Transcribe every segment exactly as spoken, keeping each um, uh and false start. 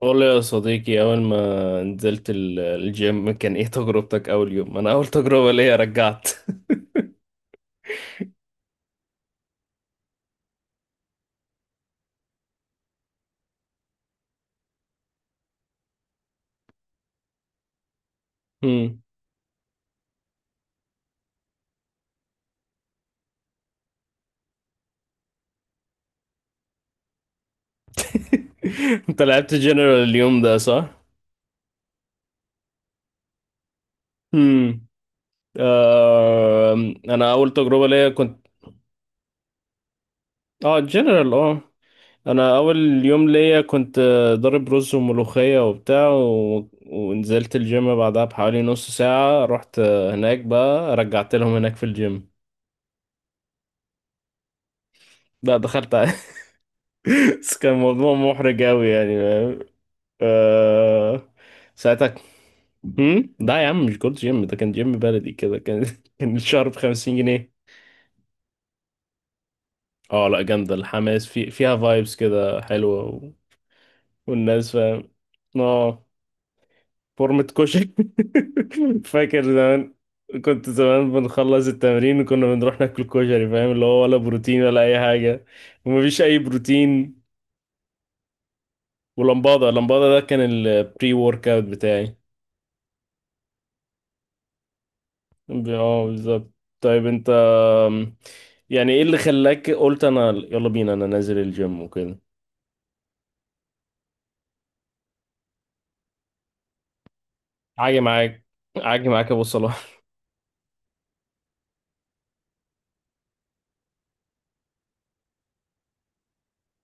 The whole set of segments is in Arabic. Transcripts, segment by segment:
والله يا صديقي، أول ما نزلت ال- الجيم كان إيه تجربتك أول يوم؟ أنا أول تجربة ليا رجعت. مم. أنت لعبت جنرال اليوم ده، صح؟ مم. آه، أنا أول تجربة ليا كنت آه جنرال آه. أنا أول يوم ليا كنت آه، ضارب رز وملوخية وبتاع و ونزلت الجيم بعدها بحوالي نص ساعة. رحت آه، هناك بقى، رجعت لهم هناك في الجيم. لا، دخلت. بس كان موضوع محرج أوي يعني. آه... ساعتها. هم؟ لا يا عم، مش جولد جيم، ده كان جيم بلدي كده. كان كان الشهر بخمسين جنيه. اه لا، جامدة الحماس في... فيها فايبس كده حلوة و. والناس فاهم. اه. فورمة كشك. فاكر زمان. كنت زمان بنخلص التمرين وكنا بنروح ناكل كشري، فاهم اللي هو، ولا بروتين ولا أي حاجة. ومفيش أي بروتين. ولمبادة لمبادة ده كان البري ورك أوت بتاعي. اه بالظبط. طيب انت، أم، يعني ايه اللي خلاك قلت انا يلا بينا انا نازل الجيم وكده. عاجي معاك، عاجي معاك يا ابو صلاح.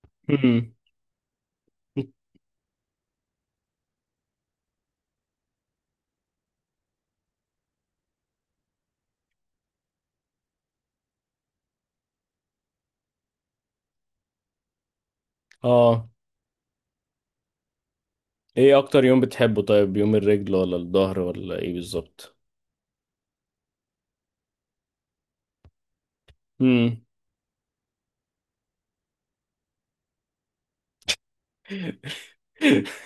أمم. اه، ايه اكتر يوم بتحبه؟ طيب، يوم الرجل ولا الظهر ولا ايه بالظبط؟ أمم.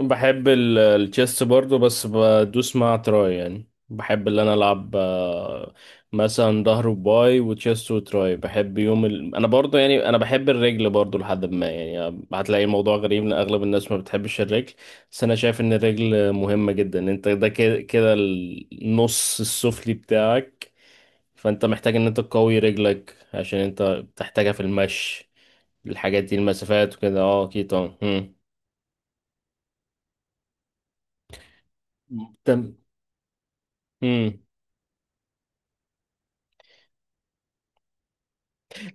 بحب ال- التشيس برضو، بس بدوس مع تراي، يعني بحب اللي انا العب آه، مثلا ظهر وباي وتشيست وتراي. بحب يوم ال... انا برضو يعني انا بحب الرجل برضو لحد ما، يعني هتلاقي الموضوع غريب ان اغلب الناس ما بتحبش الرجل. بس انا شايف ان الرجل مهمة جدا، انت ده كده كده النص السفلي بتاعك. فانت محتاج ان انت تقوي رجلك عشان انت بتحتاجها في المشي، الحاجات دي، المسافات وكده. اه اكيد طبعا. مم. تم- مم.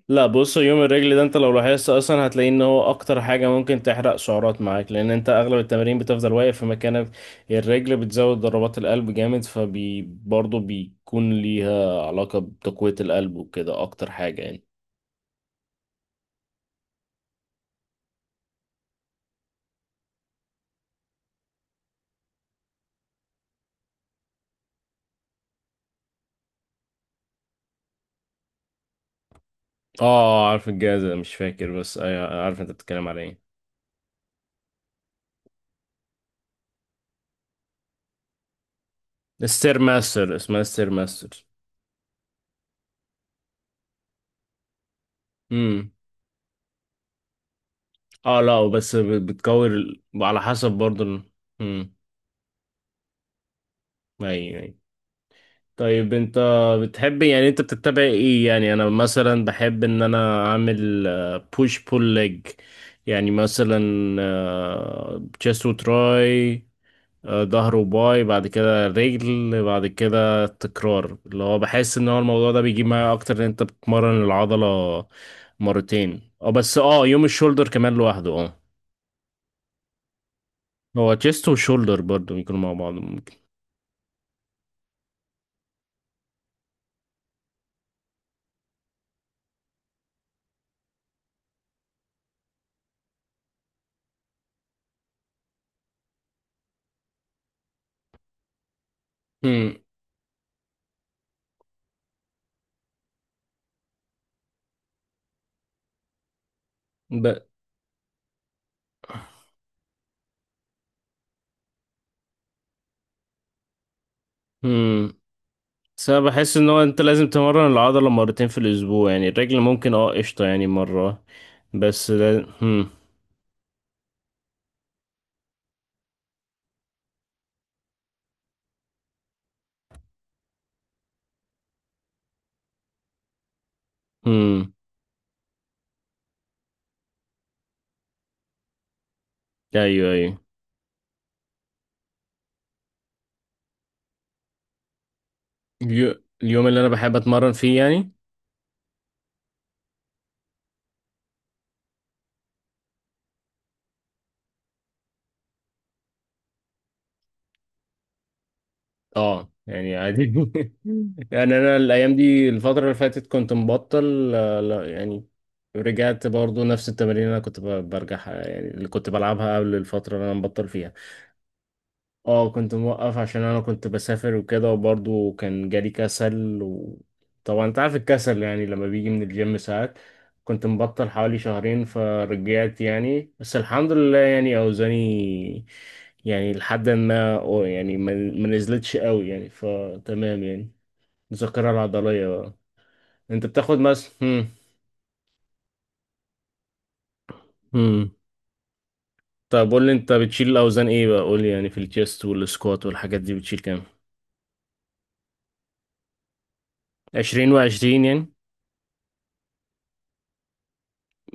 لا بص، يوم الرجل ده انت لو لاحظت اصلا هتلاقي ان هو اكتر حاجة ممكن تحرق سعرات معاك، لان انت اغلب التمارين بتفضل واقف في مكانك. الرجل بتزود ضربات القلب جامد، فبي برضه بيكون ليها علاقة بتقوية القلب وكده، اكتر حاجة يعني. اه عارف الجهاز ده، مش فاكر بس ايوه عارف انت بتتكلم على ايه. ستير ماستر، اسمها ستير ماستر. امم. اه لا، بس بتكور ال- على حسب برضه ال- امم. ايوه أيوة. طيب انت بتحب، يعني انت بتتبع ايه؟ يعني انا مثلا بحب ان انا اعمل بوش بول ليج. يعني مثلا تشيست وتراي، آه، ظهر وباي، بعد كده رجل، بعد كده تكرار، اللي هو بحس ان هو الموضوع ده بيجيب معايا اكتر، ان انت بتمرن العضلة مرتين. اه بس اه، يوم الشولدر كمان لوحده. اه. هو تشيست وشولدر برضو بيكونوا مع بعض ممكن. امم. ب... مم. بس انا بحس ان هو انت لازم تمرن العضلة مرتين في الاسبوع، يعني الرجل ممكن اه قشطة يعني مرة بس. ده هم. هم. ايوه ايوه. اليو- اليوم اللي انا بحب اتمرن فيه يعني. اه يعني عادي. يعني انا الايام دي الفترة اللي فاتت كنت مبطل آه، لا يعني، رجعت برضو نفس التمارين اللي انا كنت ب- برجعها، يعني اللي كنت بلعبها قبل الفترة اللي انا مبطل فيها. اه كنت موقف عشان انا كنت بسافر وكده، وبرضه كان جالي كسل، وطبعا انت عارف الكسل يعني لما بيجي من الجيم ساعات. كنت مبطل حوالي شهرين، فرجعت يعني، بس الحمد لله يعني اوزاني، يعني لحد ما، أو يعني ما ما نزلتش قوي يعني، فتمام يعني. الذاكرة العضلية بقى. انت بتاخد مس هم. هم. طب قول لي، انت بتشيل الاوزان ايه بقى؟ قول لي يعني، في الشيست والسكوات والحاجات دي بتشيل كام؟ عشرين و20 يعني.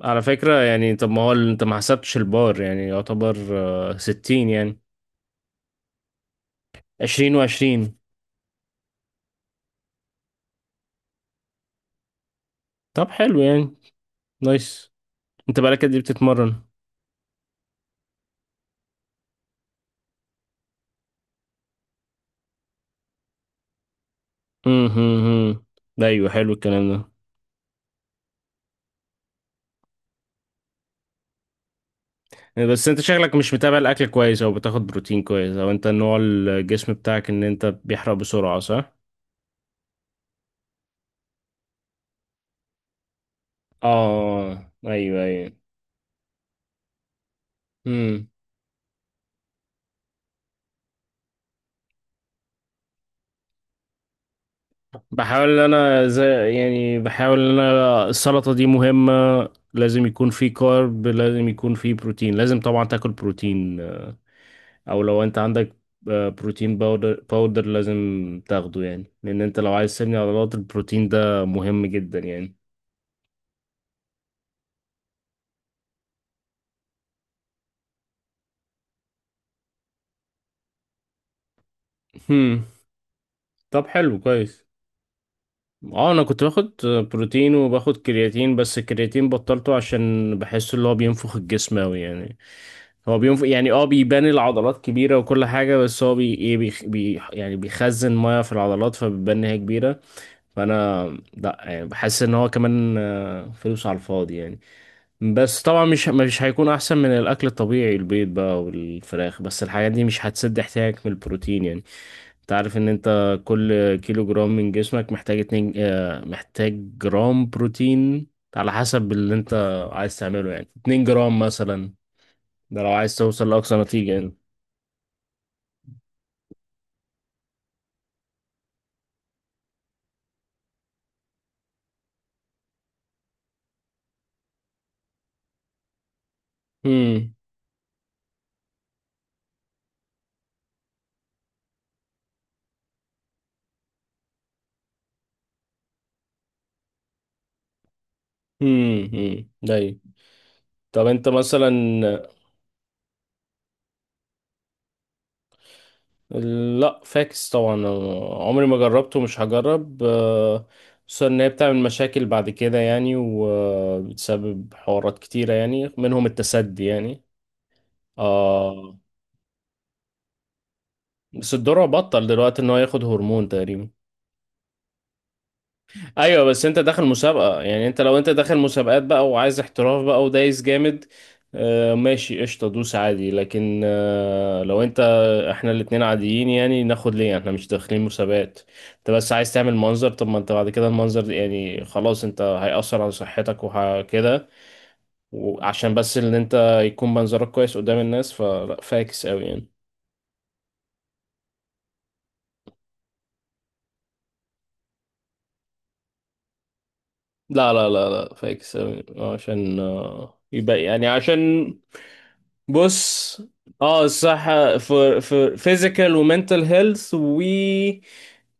على فكرة يعني، طب ما هو ال- انت ما حسبتش البار، يعني يعتبر آه، ستين يعني. عشرين وعشرين. طب حلو يعني. نايس. انت بقالك قد ايه بتتمرن؟ مم، مم، مم. ده ايوه حلو الكلام ده. بس انت شكلك مش متابع الاكل كويس، او بتاخد بروتين كويس، او انت نوع الجسم بتاعك ان انت بيحرق بسرعة، صح؟ اه ايوه ايوه. بحاول ان انا زي، يعني بحاول ان انا السلطة دي مهمة، لازم يكون في كارب، لازم يكون في بروتين، لازم طبعا تاكل بروتين. او لو انت عندك آه، بروتين باودر باودر لازم تاخده، يعني لان انت لو عايز تبني عضلات، البروتين ده مهم جدا يعني. هم. طب حلو كويس. اه، انا كنت باخد بروتين وباخد كرياتين، بس الكرياتين بطلته عشان بحس اللي هو بينفخ الجسم اوي يعني. هو بينفخ يعني، اه بيبان العضلات كبيرة وكل حاجة. بس هو بي ايه بيخ- بي يعني بيخزن مية في العضلات فبتبان ان هي كبيرة. فانا، لا يعني بحس ان هو كمان آه، فلوس على الفاضي يعني. بس طبعا مش مش هيكون احسن من الاكل الطبيعي، البيض بقى والفراخ، بس الحاجات دي مش هتسد احتياجك من البروتين يعني. تعرف ان انت كل كيلو جرام من جسمك محتاج اتنين آه، محتاج جرام بروتين، على حسب اللي انت عايز تعمله يعني، اتنين جرام مثلا. ده لو عايز توصل لأقصى نتيجة يعني. هم. هم. هم داي. طب انت مثلا. لا فاكس طبعا. عمري ما جربته ومش هجرب آه، خصوصا ان هي بتعمل مشاكل بعد كده يعني، وبتسبب حوارات كتيرة يعني، منهم التسدي يعني. اه، بس الدرع بطل دلوقتي ان هو ياخد هرمون تقريبا. ايوه، بس انت داخل مسابقة يعني، انت لو انت داخل مسابقات بقى وعايز احتراف بقى، ودايس جامد. آه ماشي قشطة، دوس عادي. لكن آه لو انت احنا الاتنين عاديين، يعني ناخد ليه؟ احنا مش داخلين مسابقات. انت بس عايز تعمل منظر. طب ما انت بعد كده المنظر ده يعني خلاص، انت هيأثر على صحتك وكده، وعشان بس ان انت يكون منظرك كويس قدام الناس. فلا فاكس قوي يعني. لا لا لا لا فاكس أوي. عشان آه، يبقى يعني عشان بص، اه الصحة في في physical ومنتل هيلث و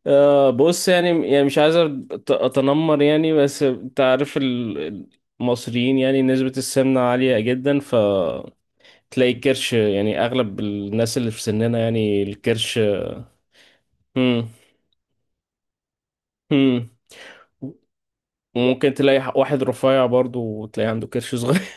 آه، بص يعني يعني مش عايز أت- اتنمر يعني. بس انت عارف ال- المصريين يعني، نسبة السمنة عالية جدا، ف تلاقي الكرش يعني اغلب الناس اللي في سننا يعني الكرش. مم. مم. وممكن تلاقي واحد رفيع برضه وتلاقي عنده كرش صغير